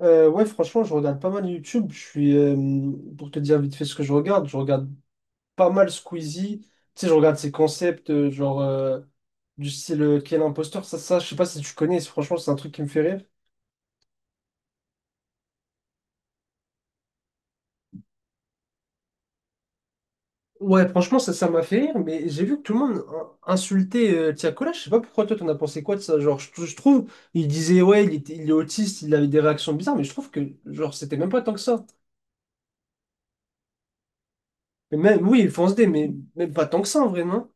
Ouais, Franchement, je regarde pas mal YouTube. Je suis, pour te dire vite fait ce que je regarde pas mal Squeezie. Tu sais, je regarde ses concepts, genre du style Quel imposteur, ça, je sais pas si tu connais, franchement, c'est un truc qui me fait rire. Ouais, franchement, ça m'a fait rire, mais j'ai vu que tout le monde insultait Tiakola. Je sais pas pourquoi toi, t'en as pensé quoi de ça? Genre, je trouve, il disait, ouais, il était, il est autiste, il avait des réactions bizarres, mais je trouve que, genre, c'était même pas tant que ça. Mais même, oui, il fonce des, mais même pas tant que ça, en vrai, non?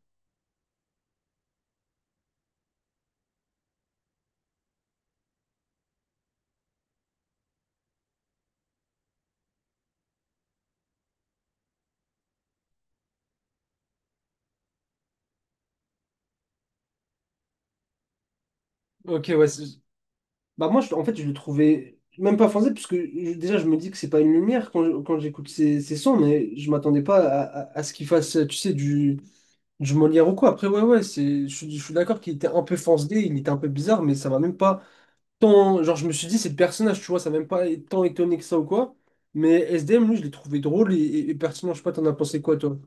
Ok, ouais. Bah moi, en fait, je le trouvais même pas foncé parce que déjà, je me dis que c'est pas une lumière quand, quand j'écoute ces, ces sons, mais je m'attendais pas à, à ce qu'il fasse, tu sais, du Molière ou quoi. Après, ouais, ouais, c'est, je suis d'accord qu'il était un peu foncé, il était un peu bizarre, mais ça m'a même pas tant... Genre, je me suis dit, c'est le personnage, tu vois, ça m'a même pas tant étonné que ça ou quoi. Mais S D M lui, je l'ai trouvé drôle et pertinent. Je sais pas, t'en as pensé quoi, toi?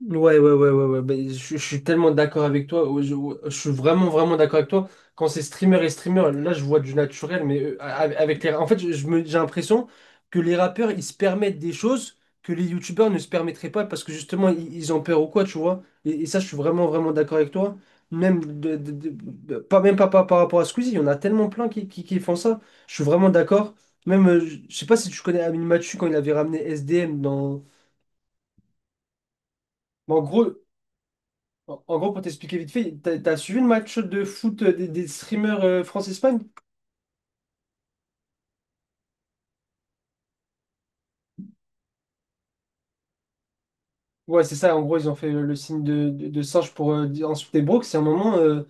Ouais, ouais, ouais, ouais, ouais. Ben, je suis tellement d'accord avec toi. Ouais. Je suis vraiment, vraiment d'accord avec toi. Quand c'est streamer et streamer, là, je vois du naturel, mais avec les... En fait, j'ai l'impression que les rappeurs, ils se permettent des choses que les youtubeurs ne se permettraient pas parce que justement, ils ont peur ou quoi, tu vois. Et ça, je suis vraiment, vraiment d'accord avec toi. Même, pas par rapport à Squeezie, il y en a tellement plein qui font ça. Je suis vraiment d'accord. Même, je sais pas si tu connais Amine Mathieu quand il avait ramené S D M dans... Mais En gros, en gros, pour t'expliquer vite fait, t'as suivi le match de foot des streamers France-Espagne? Ouais, c'est ça, en gros, ils ont fait le signe de singe pour insulter Brooks. C'est un moment,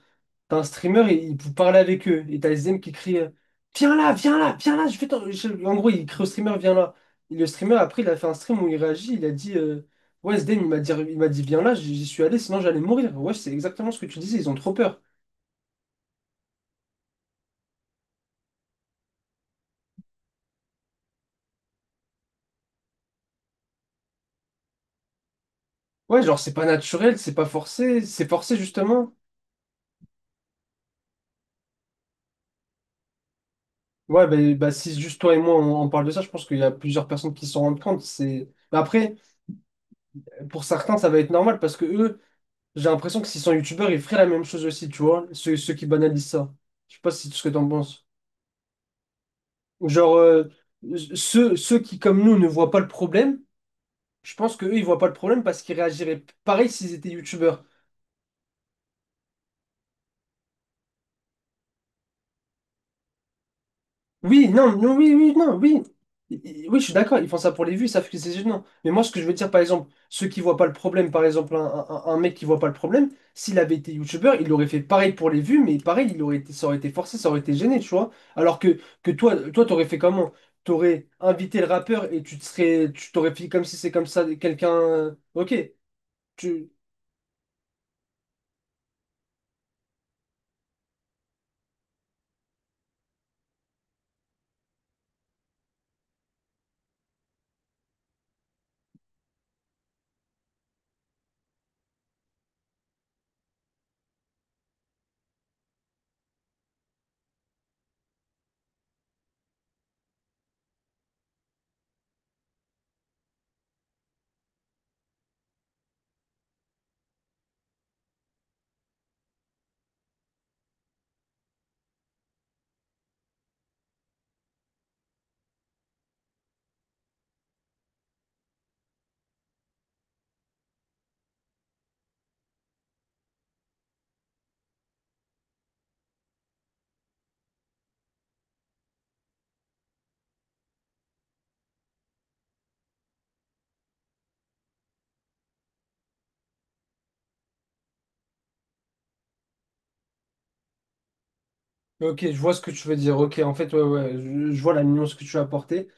t'as un streamer, et il peut parler avec eux. Et t'as les M qui crie viens là, viens là, viens là, je vais t'en- je- en gros, il crie au streamer, viens là. Et le streamer, après, il a fait un stream où il réagit, il a dit ouais, Zdem, il m'a dit viens là, j'y suis allé, sinon j'allais mourir. Ouais, c'est exactement ce que tu disais, ils ont trop peur. Ouais, genre, c'est pas naturel, c'est pas forcé, c'est forcé justement. Ouais, bah, bah, si juste toi et moi on parle de ça, je pense qu'il y a plusieurs personnes qui s'en rendent compte. C'est... Mais après, pour certains, ça va être normal parce que eux, j'ai l'impression que s'ils sont youtubeurs, ils feraient la même chose aussi, tu vois, ceux qui banalisent ça. Je sais pas si ce que t'en penses. Genre, ceux qui, comme nous, ne voient pas le problème, je pense qu'eux, ils voient pas le problème parce qu'ils réagiraient pareil s'ils étaient youtubeurs. Oui, non, non, oui, oui, non, oui. Oui, je suis d'accord, ils font ça pour les vues, ça fait que c'est gênant. Mais moi, ce que je veux dire, par exemple, ceux qui voient pas le problème, par exemple, un mec qui voit pas le problème, s'il avait été youtubeur, il aurait fait pareil pour les vues, mais pareil, il aurait été, ça aurait été forcé, ça aurait été gêné, tu vois. Alors que, toi, t'aurais fait comment? T'aurais invité le rappeur et tu t'aurais fait comme si c'est comme ça, quelqu'un. Ok, tu, ok, je vois ce que tu veux dire. Ok, en fait, ouais, ouais, je vois la nuance que tu as apportée.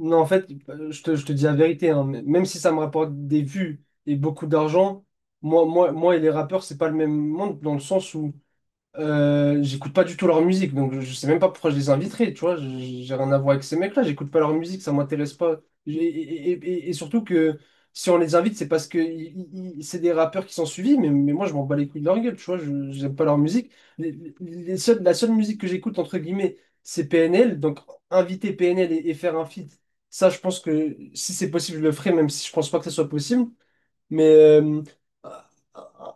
Non, en fait, je te dis la vérité, hein, mais même si ça me rapporte des vues et beaucoup d'argent, moi et les rappeurs, c'est pas le même monde dans le sens où j'écoute pas du tout leur musique, donc je sais même pas pourquoi je les inviterais, tu vois. J'ai rien à voir avec ces mecs-là, j'écoute pas leur musique, ça m'intéresse pas. Et surtout que si on les invite, c'est parce que c'est des rappeurs qui sont suivis, mais moi je m'en bats les couilles de leur gueule, tu vois. J'aime pas leur musique. La seule musique que j'écoute, entre guillemets, c'est PNL, donc inviter PNL et faire un feat, ça je pense que si c'est possible, je le ferai, même si je pense pas que ça soit possible. Mais euh,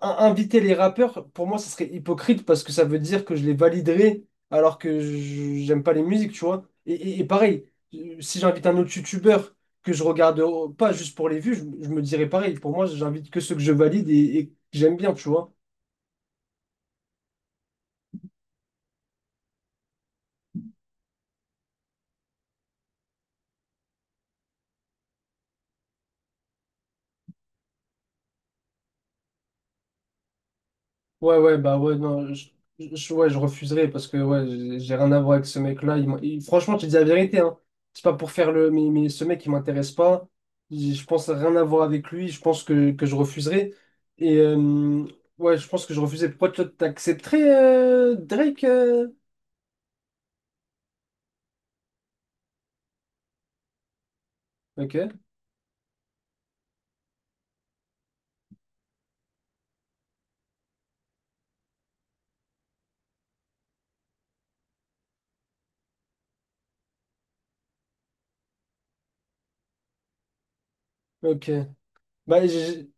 in- inviter les rappeurs, pour moi, ça serait hypocrite parce que ça veut dire que je les validerais alors que j'aime pas les musiques, tu vois. Et pareil, si j'invite un autre youtubeur que je regarde pas juste pour les vues, je me dirais pareil. Pour moi, j'invite que ceux que je valide et que j'aime bien, tu vois. Ouais, ouais, bah ouais, non, ouais, je refuserais parce que ouais, j'ai rien à voir avec ce mec-là. Franchement, je te dis la vérité, hein. C'est pas pour faire le. Mais ce mec, il m'intéresse pas. Je pense rien à voir avec lui. Je pense que, je refuserais. Et ouais, je pense que je refuserais. Pourquoi toi, t'accepterais Drake? Ok, ok. Bah, j'ai-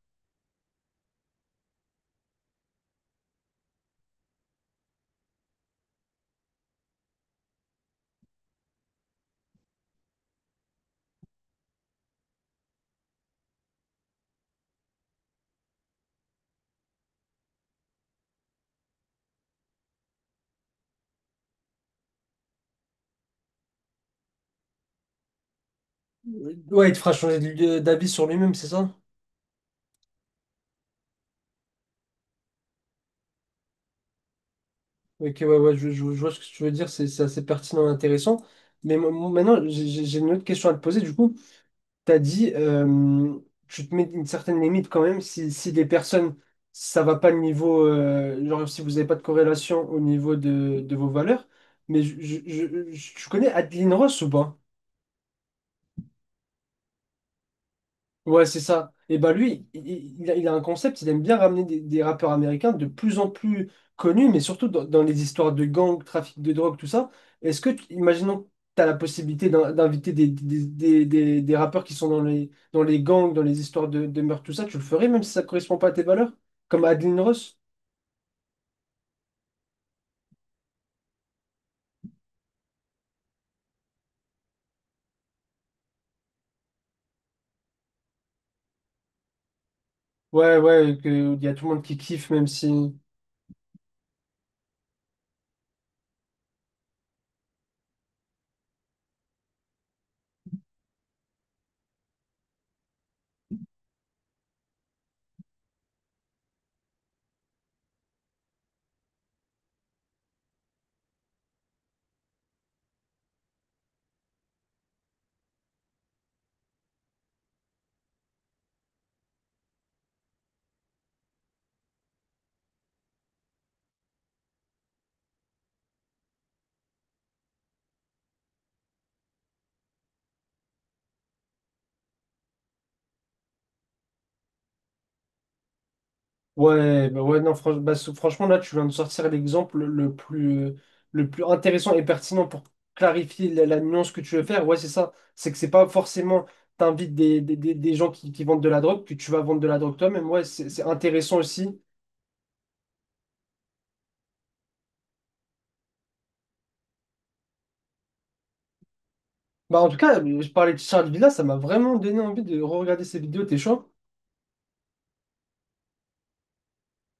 ouais, il te fera changer d'avis sur lui-même, c'est ça? Ok, ouais, ouais, je vois ce que tu veux dire. C'est assez pertinent et intéressant. Mais maintenant, j'ai une autre question à te poser. Du coup. T'as dit, tu te mets une certaine limite quand même si, si les personnes, ça va pas le niveau, genre si vous n'avez pas de corrélation au niveau de vos valeurs. Mais tu connais Adeline Ross ou pas? Ouais, c'est ça. Et bah lui, il a un concept, il aime bien ramener des rappeurs américains de plus en plus connus, mais surtout dans, dans les histoires de gangs, trafic de drogue, tout ça. Est-ce que, imaginons que tu as la possibilité d'inviter des rappeurs qui sont dans les gangs, dans les histoires de meurtre, tout ça, tu le ferais même si ça correspond pas à tes valeurs? Comme Adeline Ross? Ouais, ouais, il y a tout le monde qui kiffe, même si... Ouais, bah ouais, non, franchement, là, tu viens de sortir l'exemple le plus intéressant et pertinent pour clarifier la, la nuance que tu veux faire. Ouais, c'est ça. C'est que c'est pas forcément t'invites des gens qui vendent de la drogue que tu vas vendre de la drogue toi-même. Ouais, c'est intéressant aussi. Bah, en tout cas, je parlais de Charles Villa, ça m'a vraiment donné envie de re-regarder ses vidéos. T'es chaud?